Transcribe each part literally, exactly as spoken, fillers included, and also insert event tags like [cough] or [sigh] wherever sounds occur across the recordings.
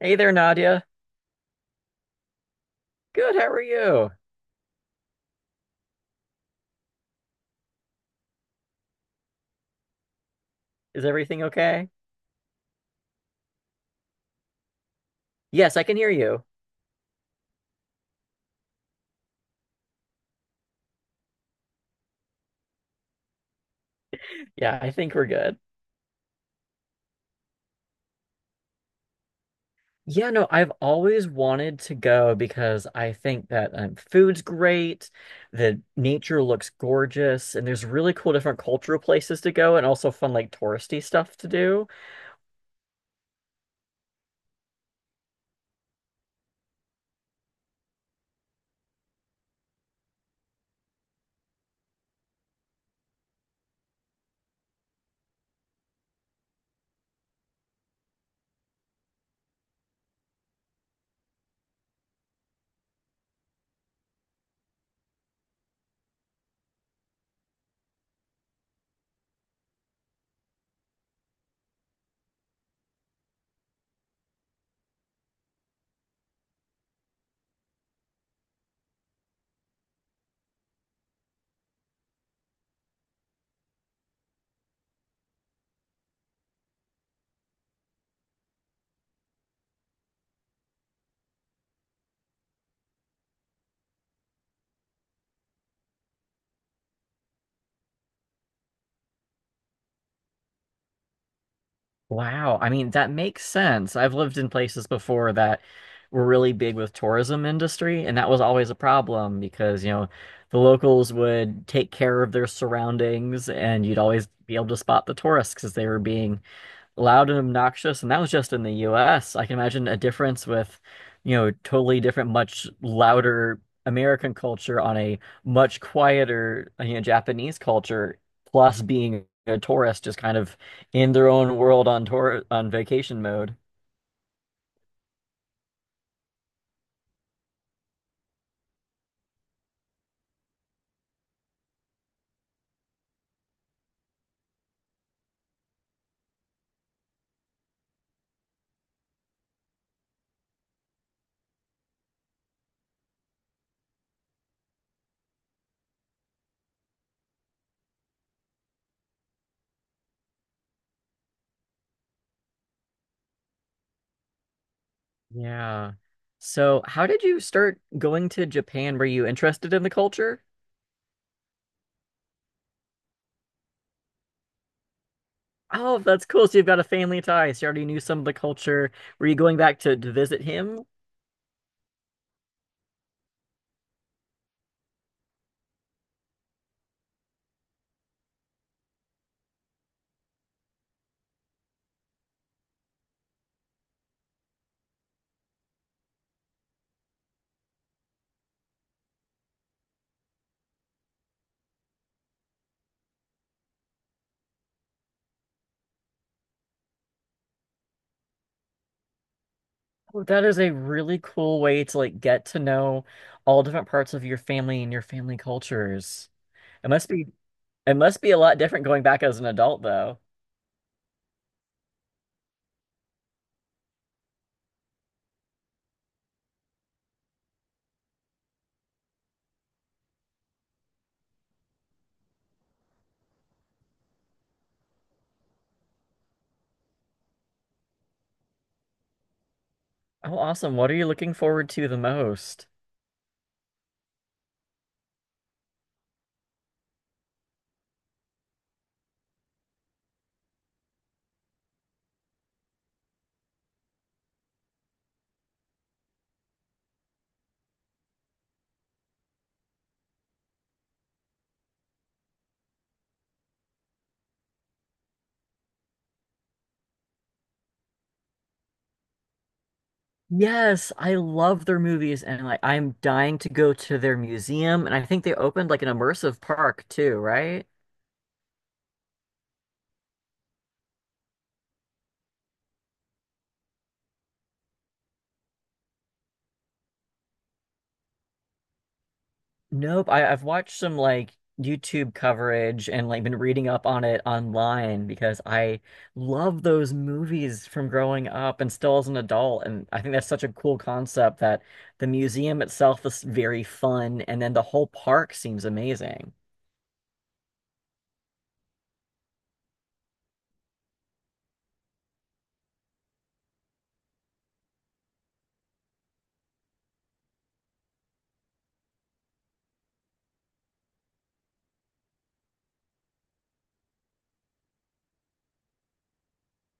Hey there, Nadia. Good, how are you? Is everything okay? Yes, I can hear you. Yeah, I think we're good. Yeah, no, I've always wanted to go because I think that um, food's great, the nature looks gorgeous, and there's really cool different cultural places to go and also fun like touristy stuff to do. Wow. I mean, that makes sense. I've lived in places before that were really big with tourism industry, and that was always a problem because, you know, the locals would take care of their surroundings and you'd always be able to spot the tourists because they were being loud and obnoxious, and that was just in the U S. I can imagine a difference with, you know, totally different, much louder American culture on a much quieter, you know, Japanese culture, plus being a tourist just kind of in their own world on tour on vacation mode. Yeah. So, how did you start going to Japan? Were you interested in the culture? Oh, that's cool. So you've got a family tie. So you already knew some of the culture. Were you going back to, to visit him? Oh, that is a really cool way to like get to know all different parts of your family and your family cultures. It must be it must be a lot different going back as an adult though. Oh, awesome. What are you looking forward to the most? Yes, I love their movies and like I'm dying to go to their museum and I think they opened like an immersive park too, right? Nope. I, I've watched some like YouTube coverage and like been reading up on it online because I love those movies from growing up and still as an adult. And I think that's such a cool concept that the museum itself is very fun and then the whole park seems amazing.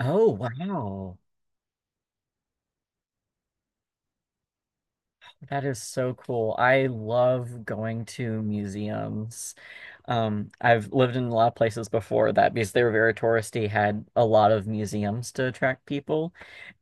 Oh, wow. That is so cool. I love going to museums. Um, I've lived in a lot of places before that because they were very touristy, had a lot of museums to attract people.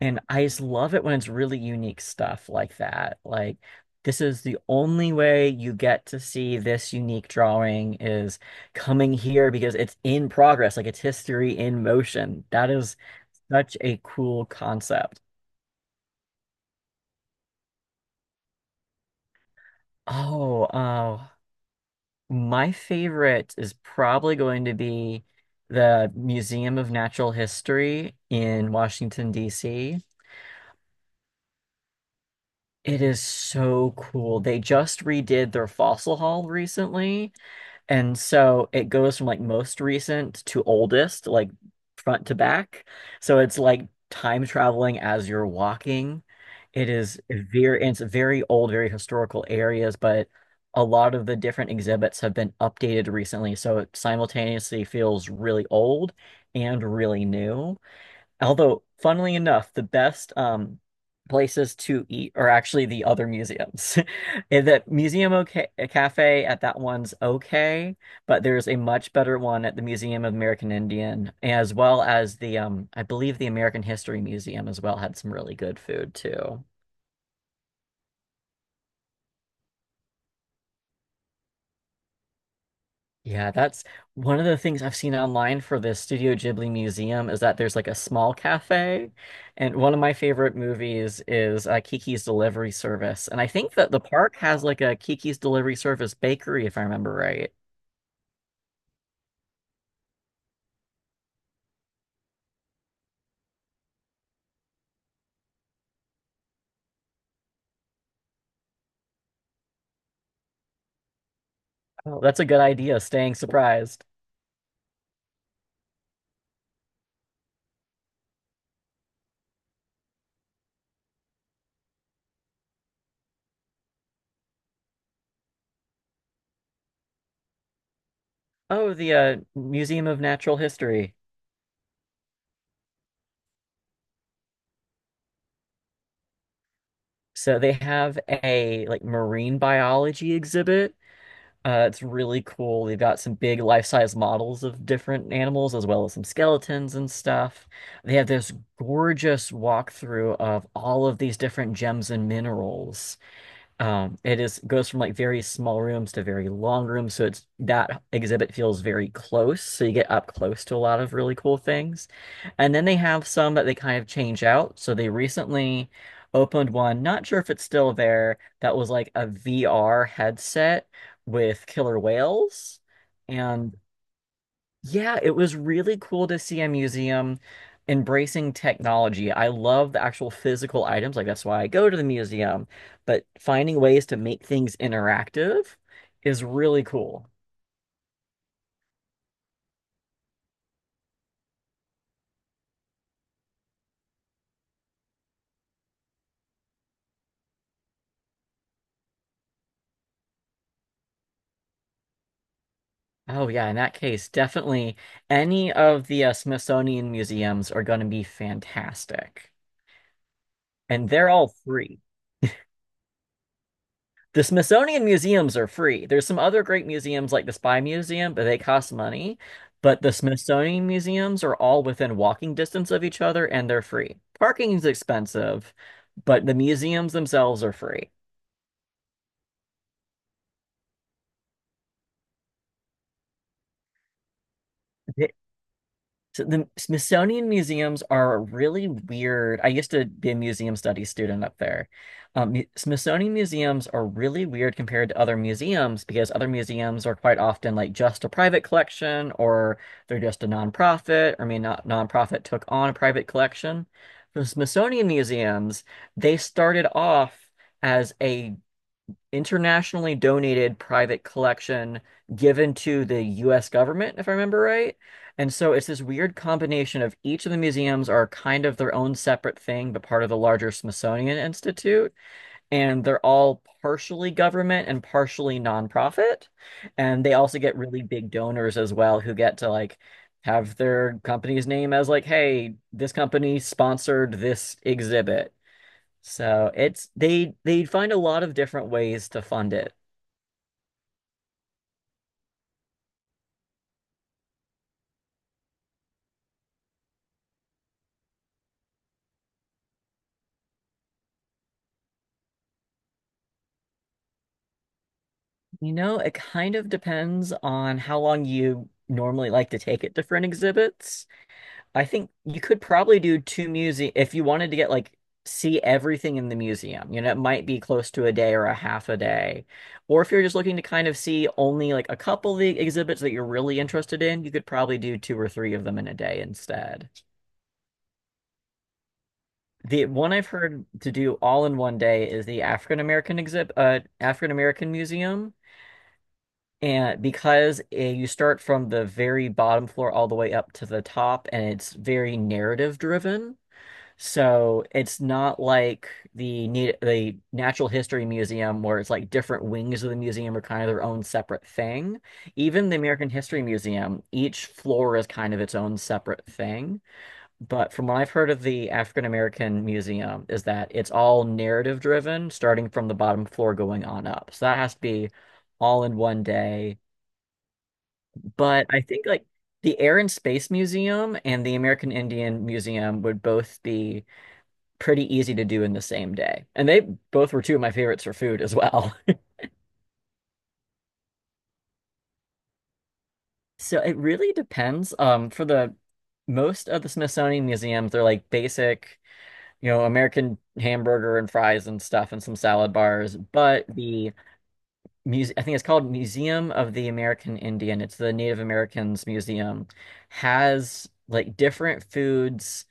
And I just love it when it's really unique stuff like that. Like, this is the only way you get to see this unique drawing is coming here because it's in progress, like it's history in motion. That is such a cool concept. Oh, oh. My favorite is probably going to be the Museum of Natural History in Washington, D C. It is so cool. They just redid their fossil hall recently, and so it goes from like most recent to oldest, like front to back. So it's like time traveling as you're walking. It is very, and it's very old, very historical areas, but a lot of the different exhibits have been updated recently. So it simultaneously feels really old and really new. Although, funnily enough, the best um, places to eat are actually the other museums. [laughs] And The Museum, okay, Cafe at that one's okay, but there's a much better one at the Museum of American Indian, as well as the um, I believe the American History Museum as well had some really good food too. Yeah, that's one of the things I've seen online for the Studio Ghibli Museum is that there's like a small cafe. And one of my favorite movies is uh, Kiki's Delivery Service. And I think that the park has like a Kiki's Delivery Service bakery, if I remember right. Oh, that's a good idea, staying surprised. Oh, the uh, Museum of Natural History. So they have a like marine biology exhibit. Uh, it's really cool. They've got some big life-size models of different animals, as well as some skeletons and stuff. They have this gorgeous walkthrough of all of these different gems and minerals. Um, it is goes from like very small rooms to very long rooms, so it's that exhibit feels very close. So you get up close to a lot of really cool things. And then they have some that they kind of change out. So they recently opened one, not sure if it's still there, that was like a V R headset with killer whales. And yeah, it was really cool to see a museum embracing technology. I love the actual physical items, like that's why I go to the museum, but finding ways to make things interactive is really cool. Oh yeah, in that case, definitely any of the uh, Smithsonian museums are going to be fantastic. And they're all free. The Smithsonian museums are free. There's some other great museums like the Spy Museum, but they cost money. But the Smithsonian museums are all within walking distance of each other and they're free. Parking is expensive, but the museums themselves are free. So the Smithsonian museums are really weird. I used to be a museum studies student up there. Um, mu- Smithsonian museums are really weird compared to other museums because other museums are quite often like just a private collection or they're just a nonprofit, or I mean not nonprofit took on a private collection. The Smithsonian museums, they started off as a internationally donated private collection given to the U S government, if I remember right. And so it's this weird combination of each of the museums are kind of their own separate thing, but part of the larger Smithsonian Institute. And they're all partially government and partially nonprofit. And they also get really big donors as well who get to like have their company's name as like, hey, this company sponsored this exhibit. So it's they they find a lot of different ways to fund it. You know, it kind of depends on how long you normally like to take at different exhibits. I think you could probably do two museum if you wanted to get like see everything in the museum. You know, it might be close to a day or a half a day. Or if you're just looking to kind of see only like a couple of the exhibits that you're really interested in, you could probably do two or three of them in a day instead. The one I've heard to do all in one day is the African American exhibit, uh, African American Museum. And because uh you start from the very bottom floor all the way up to the top, and it's very narrative driven, so it's not like the ne- the Natural History Museum where it's like different wings of the museum are kind of their own separate thing. Even the American History Museum, each floor is kind of its own separate thing. But from what I've heard of the African American Museum, is that it's all narrative driven, starting from the bottom floor going on up. So that has to be all in one day, but I think like the Air and Space Museum and the American Indian Museum would both be pretty easy to do in the same day. And they both were two of my favorites for food as well. [laughs] So it really depends. Um, for the most of the Smithsonian museums, they're like basic, you know, American hamburger and fries and stuff and some salad bars. But the muse I think it's called Museum of the American Indian. It's the Native Americans Museum, has like different foods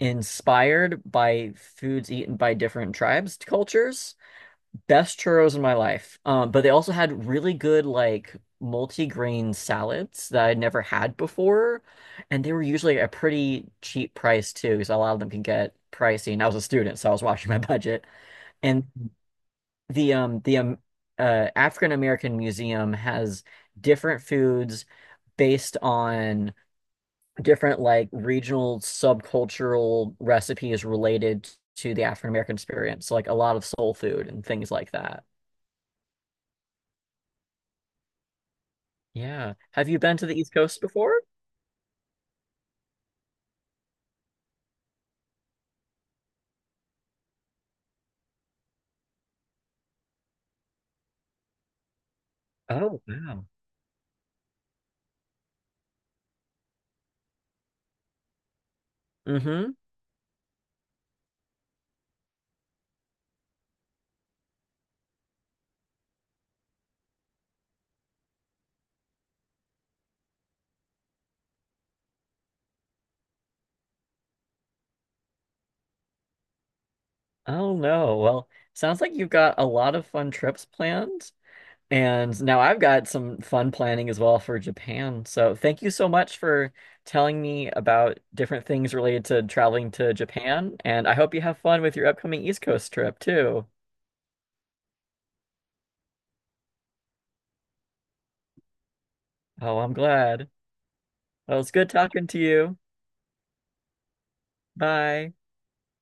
inspired by foods eaten by different tribes, cultures. Best churros in my life. Um, but they also had really good like multi-grain salads that I'd never had before, and they were usually a pretty cheap price too, because a lot of them can get pricey. And I was a student, so I was watching [laughs] my budget. And the um the um uh, African American Museum has different foods based on different like regional subcultural recipes related to the African American experience, like a lot of soul food and things like that. Yeah. Have you been to the East Coast before? Oh, wow. Mm-hmm. Oh no. Well, sounds like you've got a lot of fun trips planned. And now I've got some fun planning as well for Japan. So thank you so much for telling me about different things related to traveling to Japan. And I hope you have fun with your upcoming East Coast trip too. Oh, I'm glad. Well, it's good talking to you. Bye.